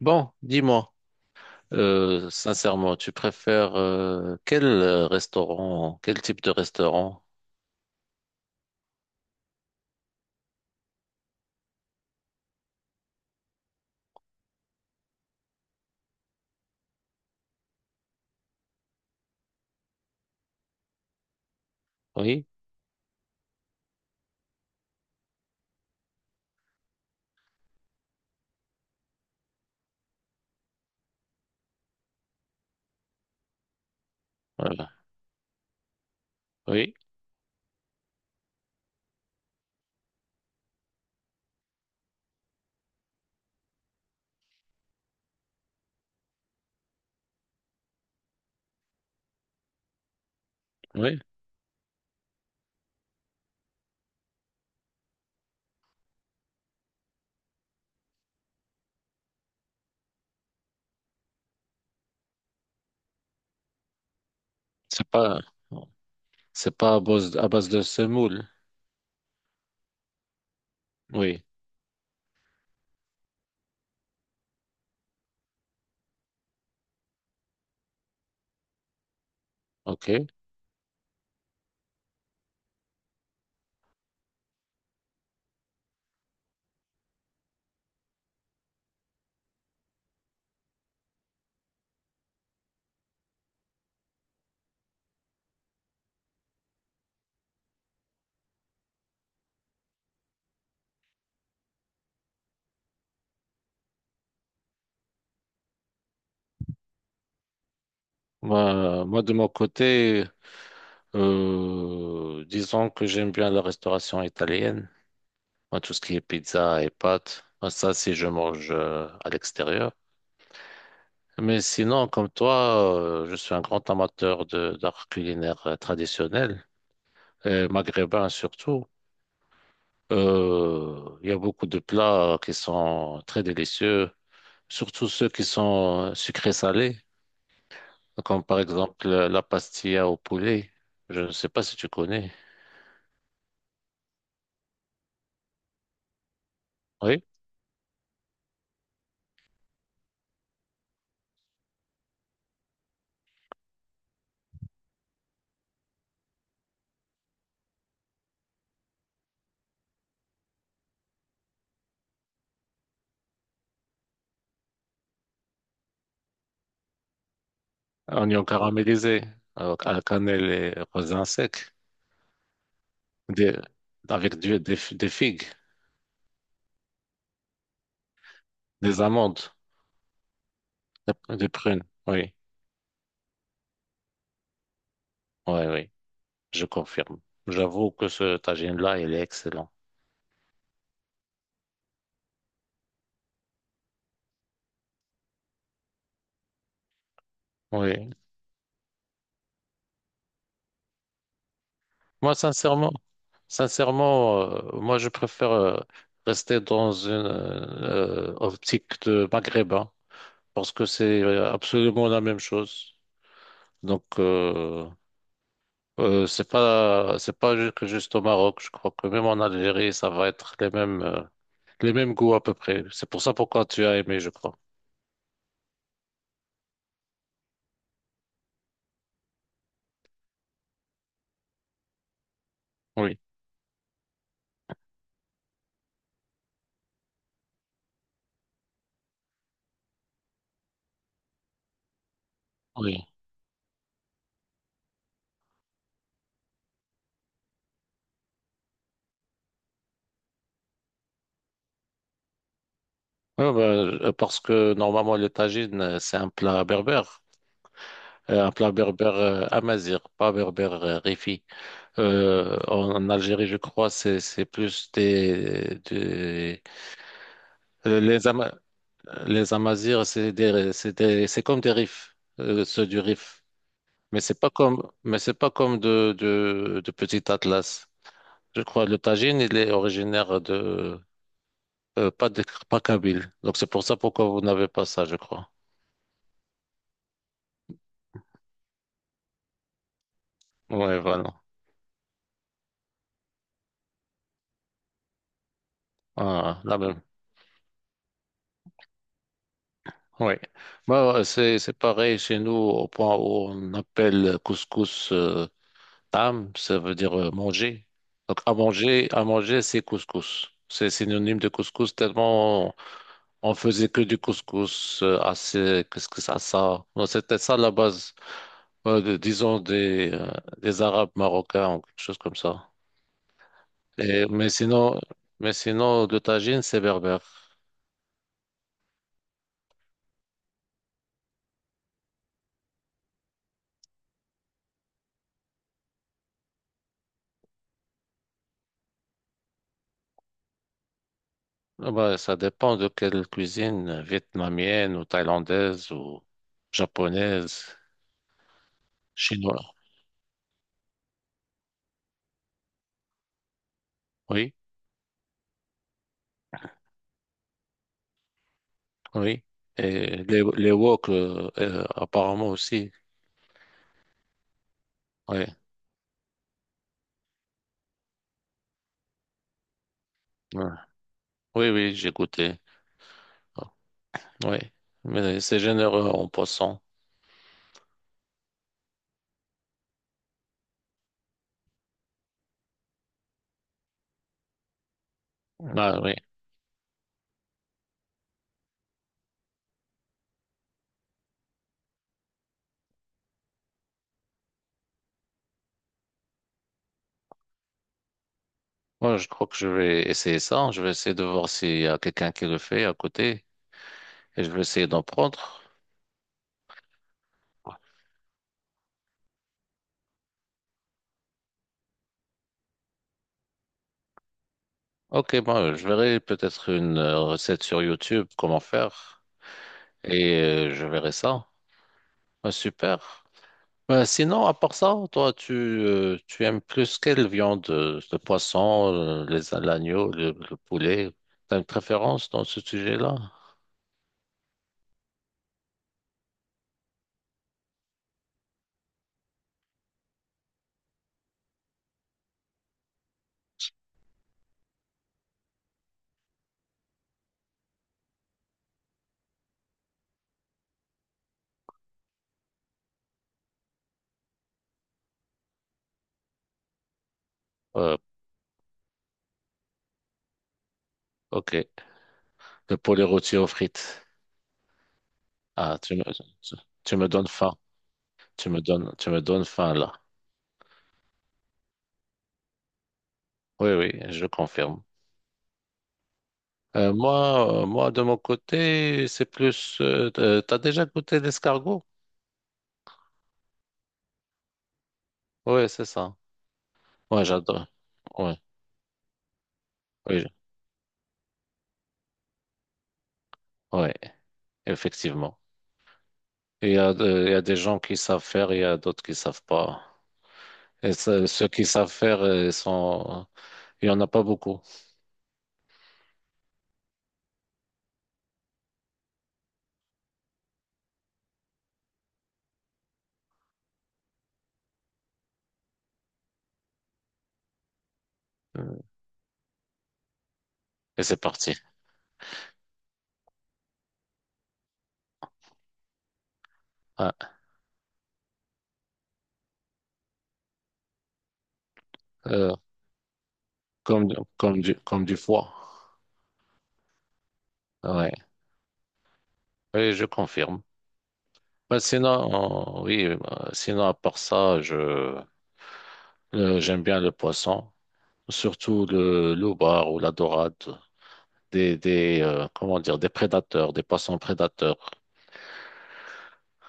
Bon, dis-moi, sincèrement, tu préfères quel restaurant, quel type de restaurant? Oui, voilà. Oui, oui. C'est pas, c'est pas à base, à base de semoule. Oui, ok. Moi, de mon côté, disons que j'aime bien la restauration italienne. Moi, tout ce qui est pizza et pâtes, moi, ça, si je mange à l'extérieur. Mais sinon, comme toi, je suis un grand amateur de d'art culinaire traditionnel. Maghrébins surtout. Il y a beaucoup de plats qui sont très délicieux, surtout ceux qui sont sucrés salés, comme par exemple la pastilla au poulet. Je ne sais pas si tu connais. Oui, oignons caramélisés à la cannelle et raisin sec, des, avec des figues, des amandes, des prunes. Oui, oui, je confirme. J'avoue que ce tagine-là, il est excellent. Oui. Moi, sincèrement, sincèrement, moi, je préfère rester dans une optique de maghrébin parce que c'est absolument la même chose. Donc, c'est pas ju- que juste au Maroc. Je crois que même en Algérie, ça va être les mêmes goûts à peu près. C'est pour ça pourquoi tu as aimé, je crois. Oui, oui. Ouais, ben, parce que normalement, le tagines, c'est un plat berbère. Un plat berbère amazigh, pas berbère rifi. En Algérie, je crois, c'est plus des, les les Amazirs, c'est comme des Rifs, ceux du Rif. Mais c'est pas comme mais c'est pas comme de Petit Atlas. Je crois le Tagine, il est originaire de euh, pas de pas Kabyle. Donc c'est pour ça pourquoi vous n'avez pas ça, je crois. Ouais, voilà. Ah, la même. Oui, bah, ouais, c'est pareil chez nous au point où on appelle couscous Tam, ça veut dire manger. Donc, à manger, c'est couscous. C'est synonyme de couscous tellement on faisait que du couscous assez, qu'est-ce que ça, ça. Non, c'était ça la base, disons, des Arabes marocains ou quelque chose comme ça. Et, mais sinon, de tagine, c'est berbère. Ah bah, ça dépend de quelle cuisine, vietnamienne ou thaïlandaise ou japonaise, chinoise. Oui. Oui. Et les wok, apparemment aussi. Oui, ouais. Oui, oui, j'ai goûté. Oui, mais c'est généreux en poisson. Ah, oui. Moi, je crois que je vais essayer ça. Je vais essayer de voir s'il y a quelqu'un qui le fait à côté et je vais essayer d'en prendre. Ok, bon, je verrai peut-être une recette sur YouTube, comment faire, et je verrai ça. Ah, super. Sinon, à part ça, toi, tu, tu aimes plus quelle viande? Le poisson, les, l'agneau, le poulet? T'as une préférence dans ce sujet-là? Euh, ok. Le poulet rôti aux frites. Ah, tu me donnes faim. Tu me donnes faim là. Oui, oui, je confirme. Moi, de mon côté, c'est plus. T'as déjà goûté l'escargot? Oui, c'est ça. Moi, j'adore. Oui, oui, oui, effectivement. Il y a des gens qui savent faire, il y a d'autres qui savent pas. Et ceux qui savent faire, il y en a pas beaucoup. Et c'est parti. Ouais. Euh, Comme, comme du foie. Ouais. Oui, je confirme. Bah, sinon, oui, bah, sinon, à part ça, je, j'aime bien le poisson. Surtout le loubar ou la dorade. Des, comment dire, des prédateurs, des poissons prédateurs.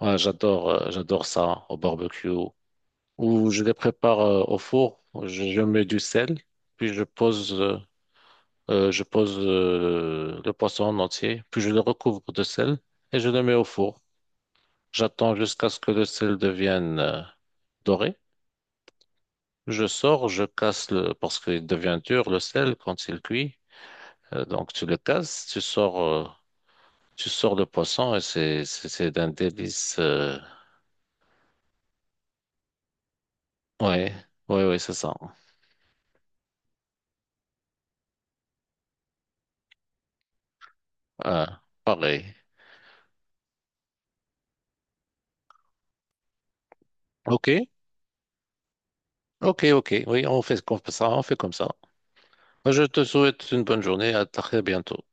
Ouais, j'adore, j'adore ça au barbecue, ou je les prépare au four. Je mets du sel, puis je pose le poisson en entier, puis je le recouvre de sel et je le mets au four. J'attends jusqu'à ce que le sel devienne doré. Je sors, je casse le, parce qu'il devient dur, le sel, quand il cuit. Donc tu le casses, tu sors le poisson et c'est d'un délice. Ouais, ouais, c'est ça. Ah, pareil. Ok, ok. Oui, on fait comme ça, on fait comme ça. Je te souhaite une bonne journée, à très bientôt.